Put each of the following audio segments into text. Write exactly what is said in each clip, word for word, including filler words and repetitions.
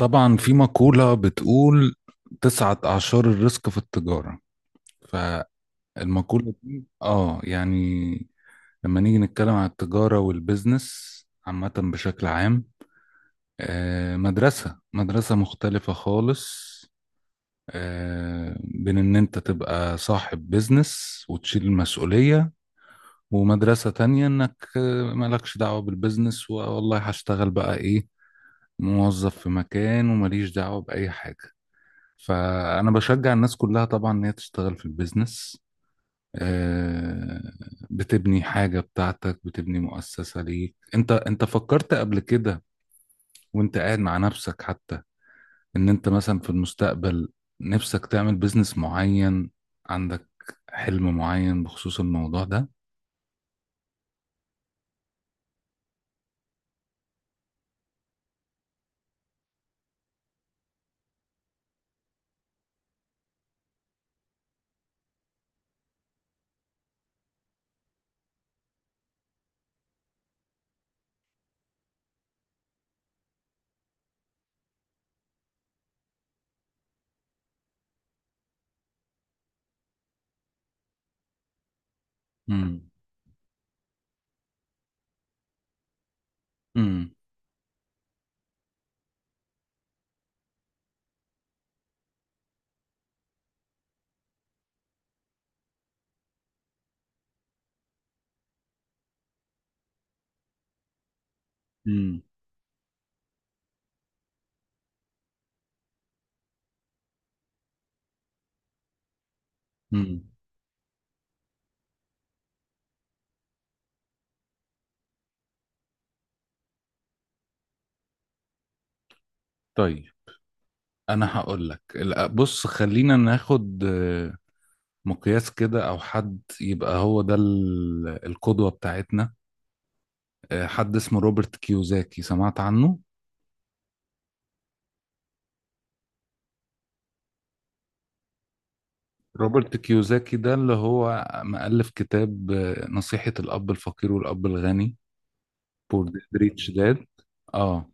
طبعا في مقولة بتقول تسعة أعشار الرزق في التجارة. فالمقولة دي اه يعني لما نيجي نتكلم عن التجارة والبزنس عامة بشكل عام. آه مدرسة مدرسة مختلفة خالص، آه بين إن أنت تبقى صاحب بزنس وتشيل المسؤولية، ومدرسة تانية إنك آه، مالكش دعوة بالبزنس، والله هشتغل بقى إيه، موظف في مكان ومليش دعوة بأي حاجة. فأنا بشجع الناس كلها طبعا إن هي تشتغل في البيزنس. آه، بتبني حاجة بتاعتك، بتبني مؤسسة ليك. أنت أنت فكرت قبل كده وأنت قاعد مع نفسك حتى إن أنت مثلا في المستقبل نفسك تعمل بيزنس معين، عندك حلم معين بخصوص الموضوع ده؟ مم. مم. مم. مم. طيب، أنا هقول لك. لا، بص خلينا ناخد مقياس كده او حد يبقى هو ده ال- القدوة بتاعتنا. آه، حد اسمه روبرت كيوزاكي، سمعت عنه؟ روبرت كيوزاكي ده اللي هو مؤلف كتاب آه، نصيحة الأب الفقير والأب الغني. بور ريتش داد، اه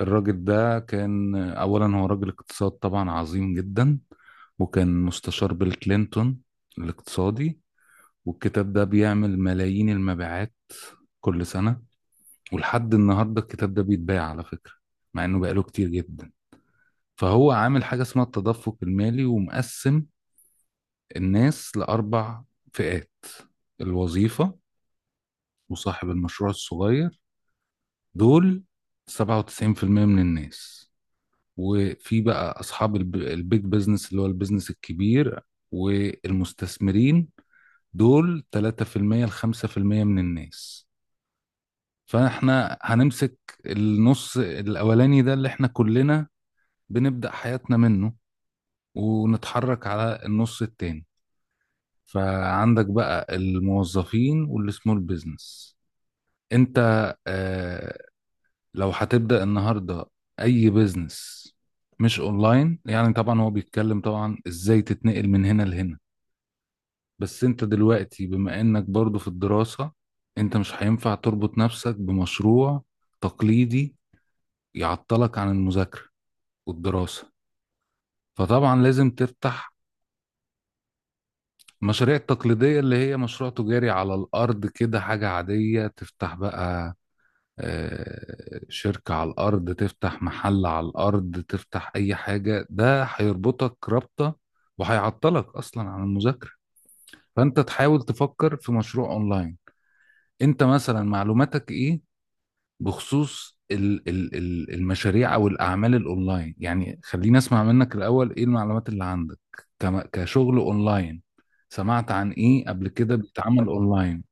الراجل ده كان آه، أولا هو راجل اقتصاد طبعا عظيم جدا، وكان مستشار بيل كلينتون الاقتصادي. والكتاب ده بيعمل ملايين المبيعات كل سنة، ولحد النهارده الكتاب ده بيتباع على فكرة، مع انه بقاله كتير جدا. فهو عامل حاجة اسمها التدفق المالي، ومقسم الناس لأربع فئات. الوظيفة وصاحب المشروع الصغير، دول سبعة وتسعين بالمية من الناس. وفي بقى أصحاب الب- البيج بيزنس اللي هو البيزنس الكبير، والمستثمرين، دول تلاتة بالمية ل خمسة بالمئة من الناس. فاحنا هنمسك النص الأولاني ده اللي احنا كلنا بنبدأ حياتنا منه، ونتحرك على النص التاني. فعندك بقى الموظفين واللي سمول بيزنس. انت آه لو هتبدأ النهاردة اي بيزنس مش اونلاين، يعني طبعا هو بيتكلم طبعا ازاي تتنقل من هنا لهنا. بس انت دلوقتي بما انك برضو في الدراسة، انت مش هينفع تربط نفسك بمشروع تقليدي يعطلك عن المذاكرة والدراسة. فطبعا لازم تفتح. المشاريع التقليدية اللي هي مشروع تجاري على الأرض كده حاجة عادية، تفتح بقى آه، شركة على الأرض، تفتح محل على الأرض، تفتح أي حاجة، ده هيربطك رابطة وهيعطلك أصلا عن المذاكرة. فأنت تحاول تفكر في مشروع أونلاين. أنت مثلا معلوماتك إيه بخصوص ال- ال- ال- المشاريع او الاعمال الاونلاين؟ يعني خليني اسمع منك الاول ايه المعلومات اللي عندك كم- كشغل اونلاين، سمعت عن ايه قبل كده بيتعمل اونلاين؟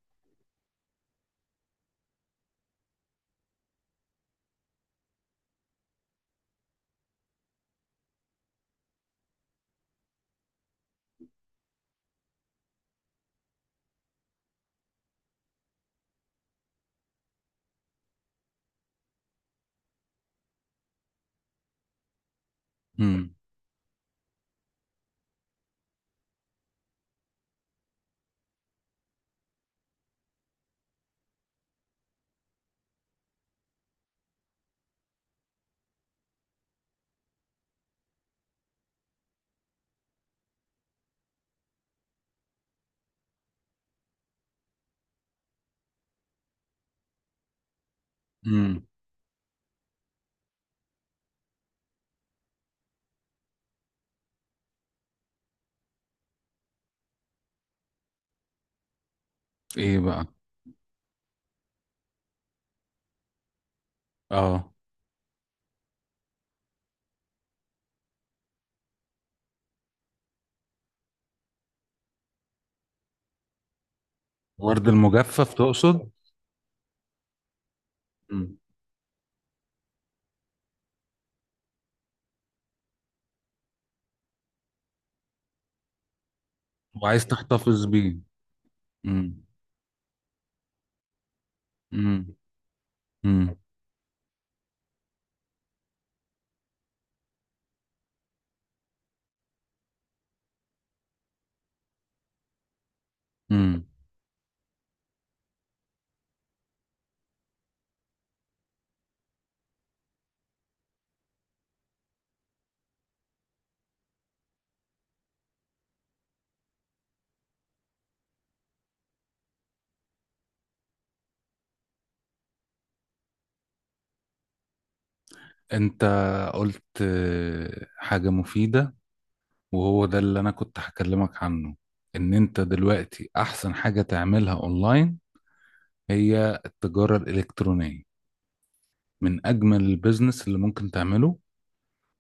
امم. امم. ايه بقى؟ اه. ورد المجفف تقصد؟ امم. وعايز تحتفظ بيه. امم. امم. امم. امم. انت قلت آه، حاجة مفيدة، وهو ده اللي انا كنت هكلمك عنه. ان انت دلوقتي احسن حاجة تعملها اونلاين هي التجارة الإلكترونية. من أجمل البيزنس اللي ممكن تعمله،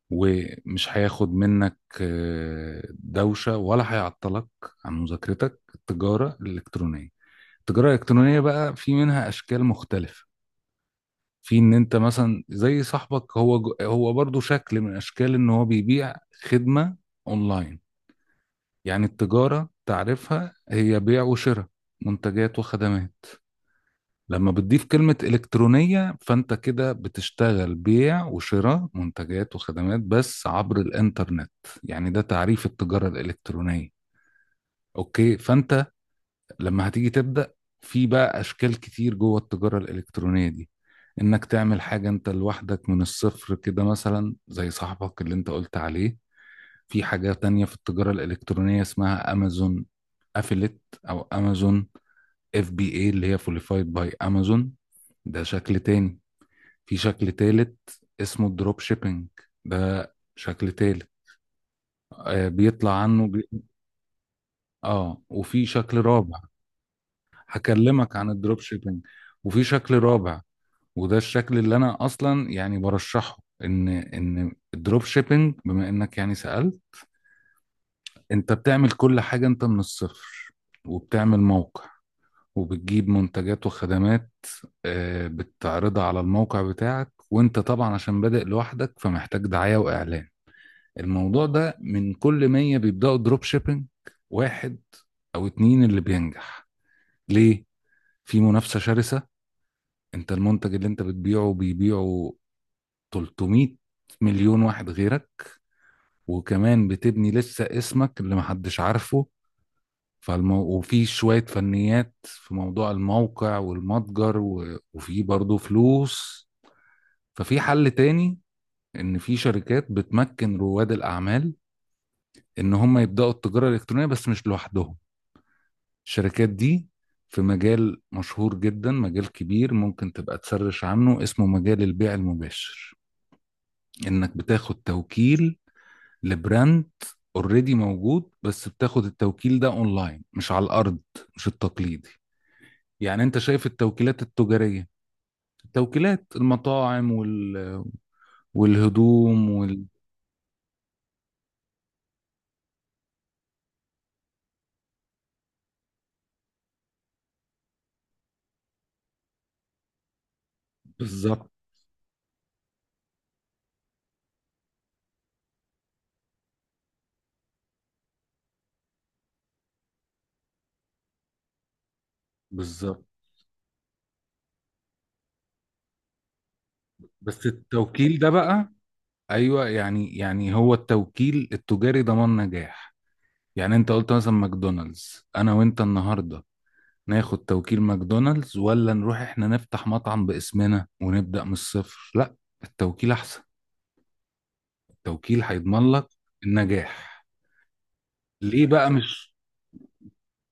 ومش هياخد منك آه، دوشة ولا هيعطلك عن مذاكرتك. التجارة الإلكترونية، التجارة الإلكترونية بقى في منها أشكال مختلفة. في إن أنت مثلا زي صاحبك، هو جو- هو برضو شكل من أشكال إن هو بيبيع خدمة أونلاين. يعني التجارة تعرفها هي بيع وشراء منتجات وخدمات. لما بتضيف كلمة إلكترونية فأنت كده بتشتغل بيع وشراء منتجات وخدمات بس عبر الإنترنت. يعني ده تعريف التجارة الإلكترونية. أوكي. فأنت لما هتيجي تبدأ في بقى أشكال كتير جوه التجارة الإلكترونية دي، إنك تعمل حاجة أنت لوحدك من الصفر كده مثلا زي صاحبك اللي أنت قلت عليه. في حاجة تانية في التجارة الإلكترونية اسمها أمازون أفلت، أو أمازون اف بي اي اللي هي فوليفايد باي أمازون. ده شكل تاني. في شكل تالت اسمه الدروب شيبينج، ده شكل تالت آه، بيطلع عنه ج- اه. وفي شكل رابع. هكلمك عن الدروب شيبينج. وفي شكل رابع، وده الشكل اللي انا اصلا يعني برشحه. ان ان الدروب شيبينج بما انك يعني سألت، انت بتعمل كل حاجة انت من الصفر، وبتعمل موقع، وبتجيب منتجات وخدمات آه، بتعرضها على الموقع بتاعك. وانت طبعا عشان بادئ لوحدك فمحتاج دعاية واعلان. الموضوع ده من كل مية بيبداوا دروب شيبينج واحد او اتنين اللي بينجح. ليه؟ في منافسه شرسه. انت المنتج اللي انت بتبيعه بيبيعه تلتمية مليون واحد غيرك، وكمان بتبني لسه اسمك اللي محدش عارفه. فالمو... وفي شوية فنيات في موضوع الموقع والمتجر و... وفي برضه فلوس. ففي حل تاني، ان في شركات بتمكن رواد الاعمال ان هم يبداوا التجارة الالكترونية بس مش لوحدهم. الشركات دي في مجال مشهور جدا، مجال كبير ممكن تبقى تسرش عنه اسمه مجال البيع المباشر. انك بتاخد توكيل لبراند اوريدي موجود، بس بتاخد التوكيل ده اونلاين مش على الارض، مش التقليدي. يعني انت شايف التوكيلات التجارية، التوكيلات المطاعم وال... والهدوم وال... بالظبط. بالظبط. بس التوكيل ده بقى، ايوه يعني يعني هو التوكيل التجاري ضمان نجاح. يعني انت قلت مثلا ماكدونالدز، انا وانت النهارده ناخد توكيل ماكدونالدز ولا نروح احنا نفتح مطعم باسمنا ونبدأ من الصفر؟ لا، التوكيل احسن. التوكيل هيضمن لك النجاح. ليه بقى مش،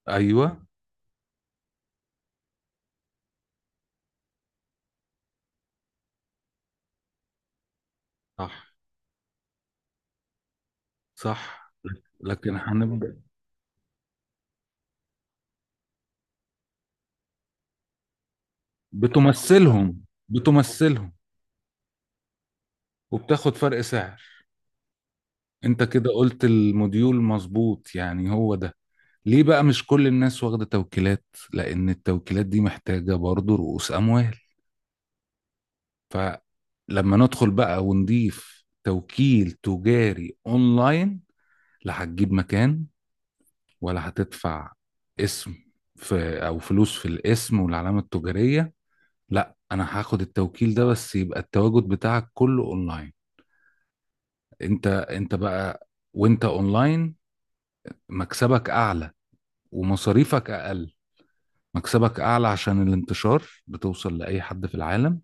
ايوه. صح. صح. لكن هنبدأ. بتمثلهم. بتمثلهم. وبتاخد فرق سعر. انت كده قلت الموديول مظبوط، يعني هو ده. ليه بقى مش كل الناس واخدة توكيلات؟ لان التوكيلات دي محتاجة برضه رؤوس اموال. فلما ندخل بقى ونضيف توكيل تجاري اونلاين، لا هتجيب مكان ولا هتدفع اسم، في او فلوس في الاسم والعلامة التجارية. لا، انا هاخد التوكيل ده بس يبقى التواجد بتاعك كله اونلاين. انت انت بقى، وانت اونلاين، مكسبك اعلى ومصاريفك اقل. مكسبك اعلى عشان الانتشار بتوصل لاي حد في العالم،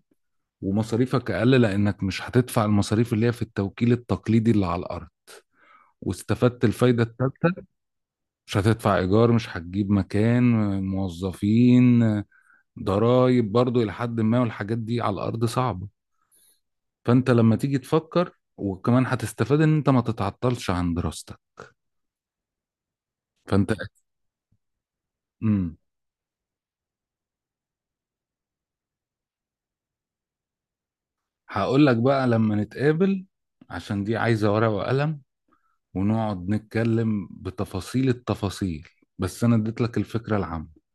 ومصاريفك اقل لانك مش هتدفع المصاريف اللي هي في التوكيل التقليدي اللي على الارض. واستفدت الفايدة الثالثة، مش هتدفع إيجار، مش هتجيب مكان، موظفين، ضرايب برضو إلى حد ما، والحاجات دي على الأرض صعبة. فأنت لما تيجي تفكر وكمان هتستفاد إن أنت ما تتعطلش عن دراستك. فأنت. امم. هقول لك بقى لما نتقابل عشان دي عايزة ورقة وقلم، ونقعد نتكلم بتفاصيل التفاصيل، بس أنا اديت لك الفكرة العامة.